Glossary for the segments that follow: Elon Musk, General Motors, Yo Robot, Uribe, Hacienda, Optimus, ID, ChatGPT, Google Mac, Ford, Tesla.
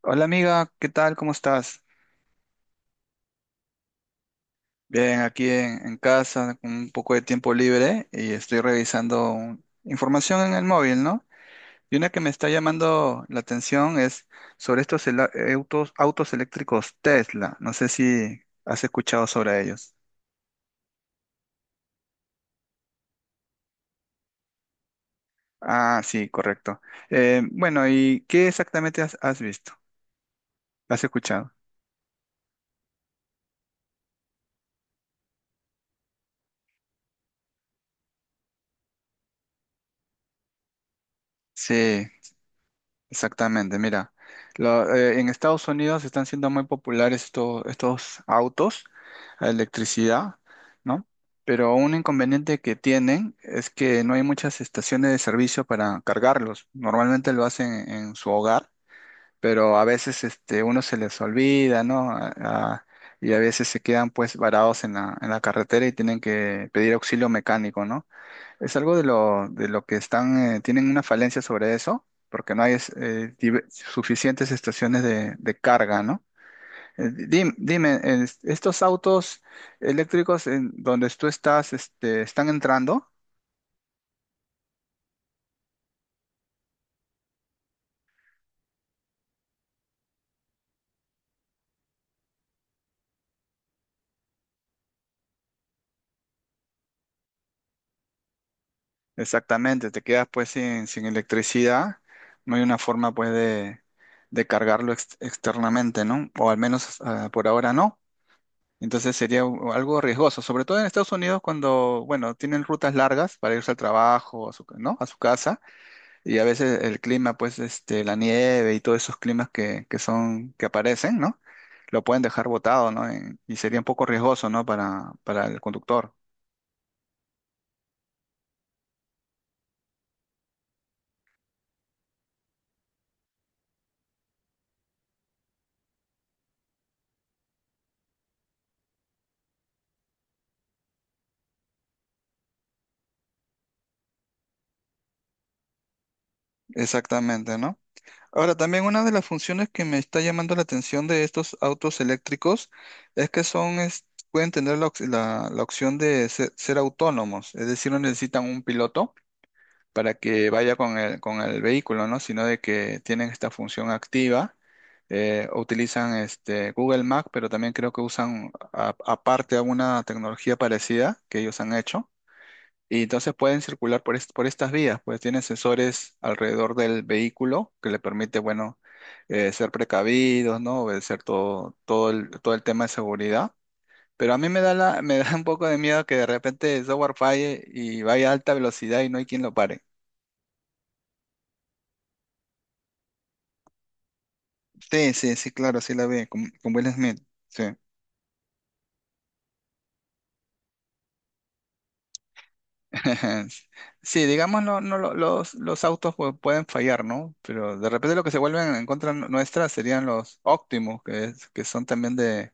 Hola amiga, ¿qué tal? ¿Cómo estás? Bien, aquí en casa con un poco de tiempo libre y estoy revisando información en el móvil, ¿no? Y una que me está llamando la atención es sobre estos autos, autos eléctricos Tesla. No sé si has escuchado sobre ellos. Ah, sí, correcto. Bueno, ¿y qué exactamente has visto? ¿Has escuchado? Sí, exactamente, mira, en Estados Unidos están siendo muy populares estos autos a electricidad, ¿no? Pero un inconveniente que tienen es que no hay muchas estaciones de servicio para cargarlos. Normalmente lo hacen en su hogar, pero a veces este, uno se les olvida, ¿no? Y a veces se quedan pues varados en en la carretera y tienen que pedir auxilio mecánico, ¿no? Es algo de de lo que están, tienen una falencia sobre eso, porque no hay suficientes estaciones de carga, ¿no? Eh, Dime, ¿estos autos eléctricos en donde tú estás, este, están entrando? Exactamente, te quedas pues sin electricidad, no hay una forma pues de cargarlo externamente, ¿no? O al menos ah, por ahora no. Entonces sería algo riesgoso, sobre todo en Estados Unidos cuando, bueno, tienen rutas largas para irse al trabajo, ¿no? A su casa, y a veces el clima, pues, este, la nieve y todos esos climas que son, que aparecen, ¿no? Lo pueden dejar botado, ¿no? Y sería un poco riesgoso, ¿no? Para el conductor. Exactamente, ¿no? Ahora, también una de las funciones que me está llamando la atención de estos autos eléctricos es que pueden tener la opción de ser autónomos, es decir, no necesitan un piloto para que vaya con con el vehículo, ¿no? Sino de que tienen esta función activa. Eh, utilizan este Google Mac, pero también creo que usan aparte alguna tecnología parecida que ellos han hecho. Y entonces pueden circular por estas vías, pues tienen sensores alrededor del vehículo que le permite, bueno, ser precavidos, ¿no? Obedecer todo, todo todo el tema de seguridad. Pero a mí me da la, me da un poco de miedo que de repente el software falle y vaya a alta velocidad y no hay quien lo pare. Sí, sí, sí, claro, sí la ve, con Will Smith. Sí, sí, digámoslo, no, no, los autos pueden fallar, ¿no? Pero de repente lo que se vuelven en contra nuestra serían los Optimus, que son también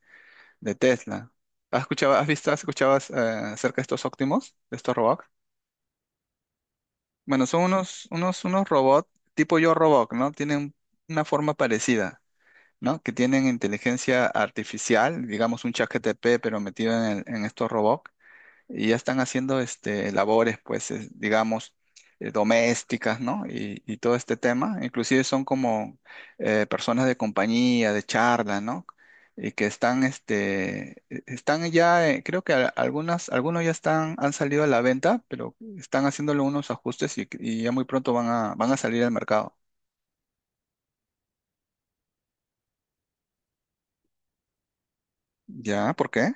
de Tesla. ¿Has escuchado, has visto, has escuchado acerca de estos Optimus, de estos robots? Bueno, son unos, unos, unos robots tipo Yo Robot, ¿no? Tienen una forma parecida, ¿no? Que tienen inteligencia artificial, digamos un chat ChatGPT, pero metido en estos robots y ya están haciendo este, labores, pues, digamos, domésticas, ¿no? Y todo este tema, inclusive son como personas de compañía, de charla, ¿no? Y que están, este, están ya, creo que algunos ya están, han salido a la venta, pero están haciéndole unos ajustes y ya muy pronto van a, van a salir al mercado. ¿Ya? ¿Por qué?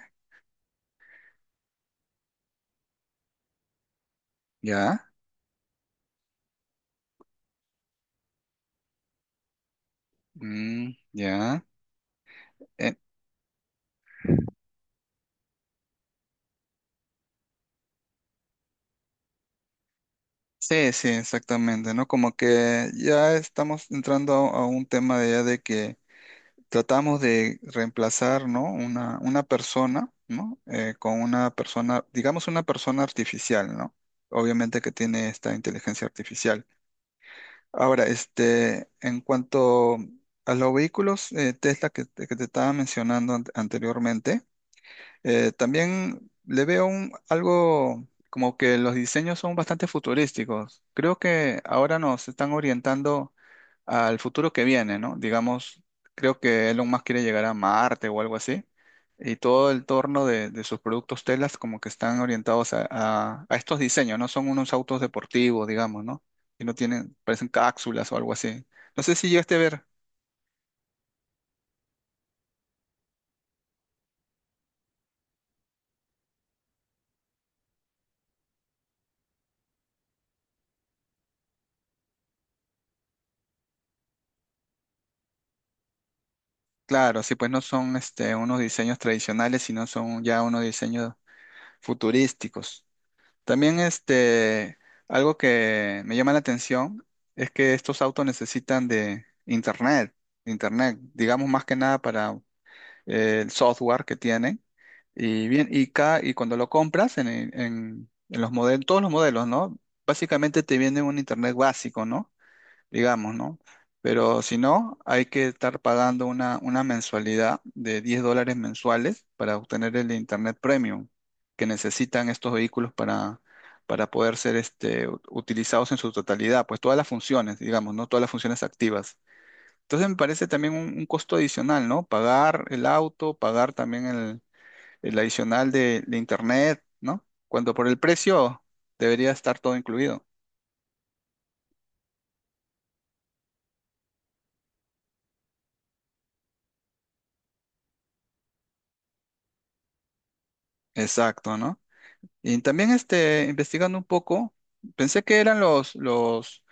¿Ya? Mm, ¿ya? Eh, sí, sí, exactamente, ¿no? Como que ya estamos entrando a un tema de ya de que tratamos de reemplazar, ¿no? Una persona, ¿no? Con una persona, digamos una persona artificial, ¿no? Obviamente que tiene esta inteligencia artificial. Ahora, este, en cuanto a los vehículos Tesla que te estaba mencionando anteriormente, también le veo un, algo como que los diseños son bastante futurísticos. Creo que ahora nos están orientando al futuro que viene, ¿no? Digamos, creo que Elon Musk quiere llegar a Marte o algo así. Y todo el torno de sus productos telas como que están orientados a, a estos diseños, ¿no? Son unos autos deportivos, digamos, ¿no? Y no tienen, parecen cápsulas o algo así. No sé si llegaste a ver. Claro, sí, pues no son este, unos diseños tradicionales, sino son ya unos diseños futurísticos. También este, algo que me llama la atención es que estos autos necesitan de internet, internet, digamos más que nada para el software que tienen. Y cuando lo compras en los modelos, todos los modelos, ¿no? Básicamente te viene un internet básico, ¿no? Digamos, ¿no? Pero si no, hay que estar pagando una mensualidad de $10 mensuales para obtener el Internet Premium que necesitan estos vehículos para poder ser este, utilizados en su totalidad, pues todas las funciones, digamos, ¿no? Todas las funciones activas. Entonces me parece también un costo adicional, ¿no? Pagar el auto, pagar también el adicional de internet, ¿no? Cuando por el precio debería estar todo incluido. Exacto, ¿no? Y también este, investigando un poco, pensé que eran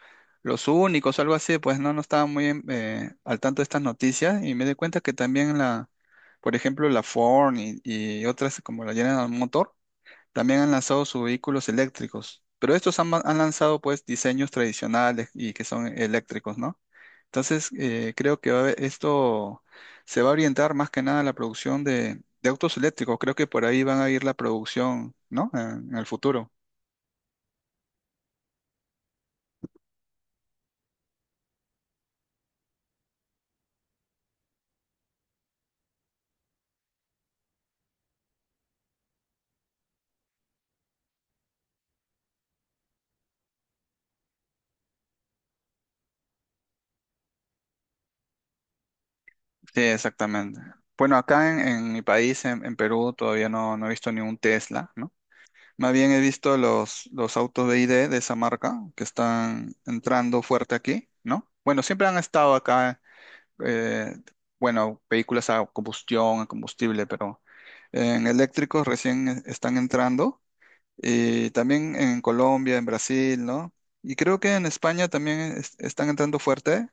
los únicos, algo así, pues no, no estaba muy al tanto de estas noticias y me di cuenta que también la, por ejemplo, la Ford y otras como la General Motors también han lanzado sus vehículos eléctricos, pero estos han, han lanzado pues diseños tradicionales y que son eléctricos, ¿no? Entonces, creo que va a esto se va a orientar más que nada a la producción de autos eléctricos. Creo que por ahí van a ir la producción, ¿no? En el futuro. Sí, exactamente. Bueno, acá en mi país, en Perú, todavía no, no he visto ni un Tesla, ¿no? Más bien he visto los autos de ID de esa marca que están entrando fuerte aquí, ¿no? Bueno, siempre han estado acá eh, bueno, vehículos a combustión, a combustible, pero en eléctricos recién están entrando y también en Colombia, en Brasil, ¿no? Y creo que en España también están entrando fuerte,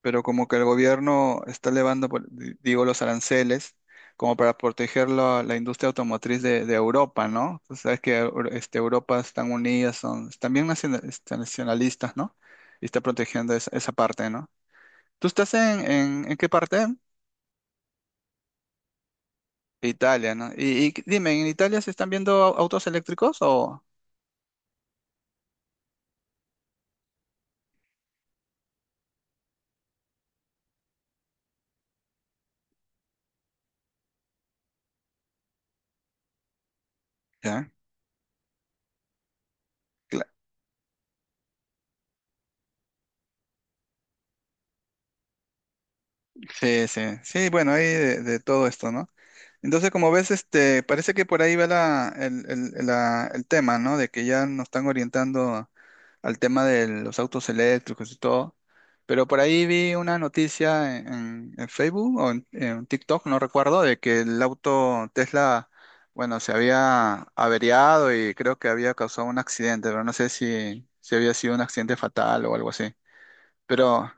pero como que el gobierno está elevando, digo, los aranceles como para proteger la, la industria automotriz de Europa, ¿no? Tú sabes que Europa están unidas, son, están bien nacionalistas, ¿no? Y está protegiendo esa, esa parte, ¿no? ¿Tú estás en qué parte? Italia, ¿no? Y dime, ¿en Italia se están viendo autos eléctricos o...? Ya, sí, sí, sí, bueno, hay de todo esto, ¿no? Entonces, como ves, este, parece que por ahí va la, el, el tema, ¿no? De que ya nos están orientando al tema de los autos eléctricos y todo. Pero por ahí vi una noticia en, en Facebook o en TikTok, no recuerdo, de que el auto Tesla, bueno, se había averiado y creo que había causado un accidente, pero no sé si, si había sido un accidente fatal o algo así. Pero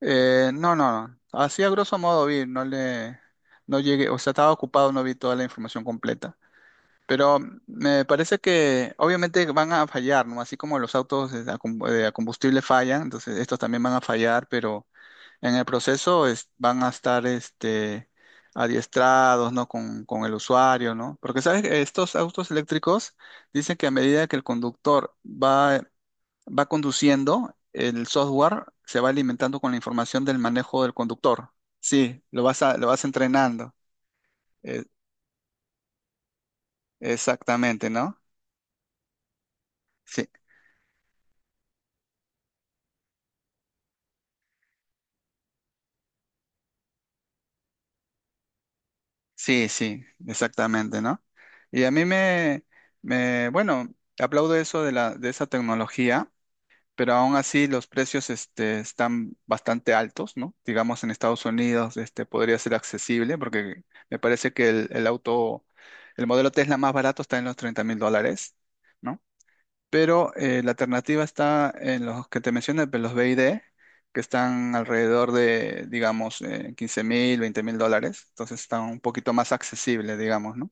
no, no, no. Así a grosso modo vi, no le, no llegué, o sea, estaba ocupado, no vi toda la información completa. Pero me parece que obviamente van a fallar, ¿no? Así como los autos de a combustible fallan, entonces estos también van a fallar, pero en el proceso van a estar este, adiestrados, ¿no? Con el usuario, ¿no? Porque, ¿sabes? Estos autos eléctricos dicen que a medida que el conductor va conduciendo, el software se va alimentando con la información del manejo del conductor. Sí, lo lo vas entrenando. Eh, exactamente, ¿no? Sí, sí, sí, exactamente, ¿no? Y a mí me, bueno, aplaudo eso de la, de esa tecnología, pero aún así los precios, este, están bastante altos, ¿no? Digamos en Estados Unidos, este, podría ser accesible, porque me parece que el auto, el modelo Tesla más barato está en los $30.000. ¿No? Pero la alternativa está en los que te mencioné, pues, los BID, que están alrededor de, digamos, 15 mil, 20 mil dólares, entonces están un poquito más accesibles, digamos, ¿no?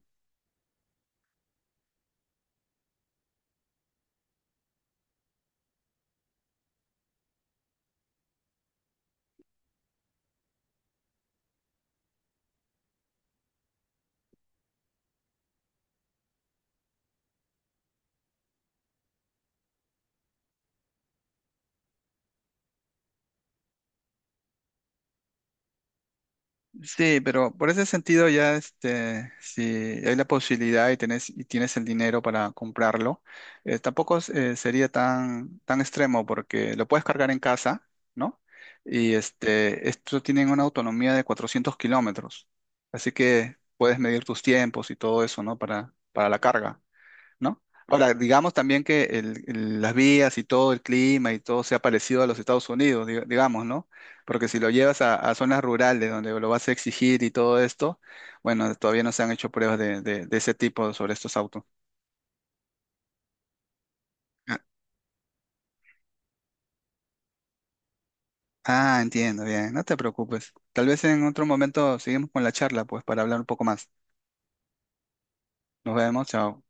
Sí, pero por ese sentido ya, este, si hay la posibilidad y tenés, y tienes el dinero para comprarlo, tampoco es- sería tan, tan extremo porque lo puedes cargar en casa, ¿no? Y este, esto tienen una autonomía de 400 km, así que puedes medir tus tiempos y todo eso, ¿no? Para la carga. ¿No? Ahora, digamos también que el- las vías y todo el clima y todo sea parecido a los Estados Unidos, digamos, ¿no? Porque si lo llevas a zonas rurales donde lo vas a exigir y todo esto, bueno, todavía no se han hecho pruebas de, de ese tipo sobre estos autos. Ah, ah, entiendo, bien, no te preocupes. Tal vez en otro momento seguimos con la charla, pues, para hablar un poco más. Nos vemos, chao.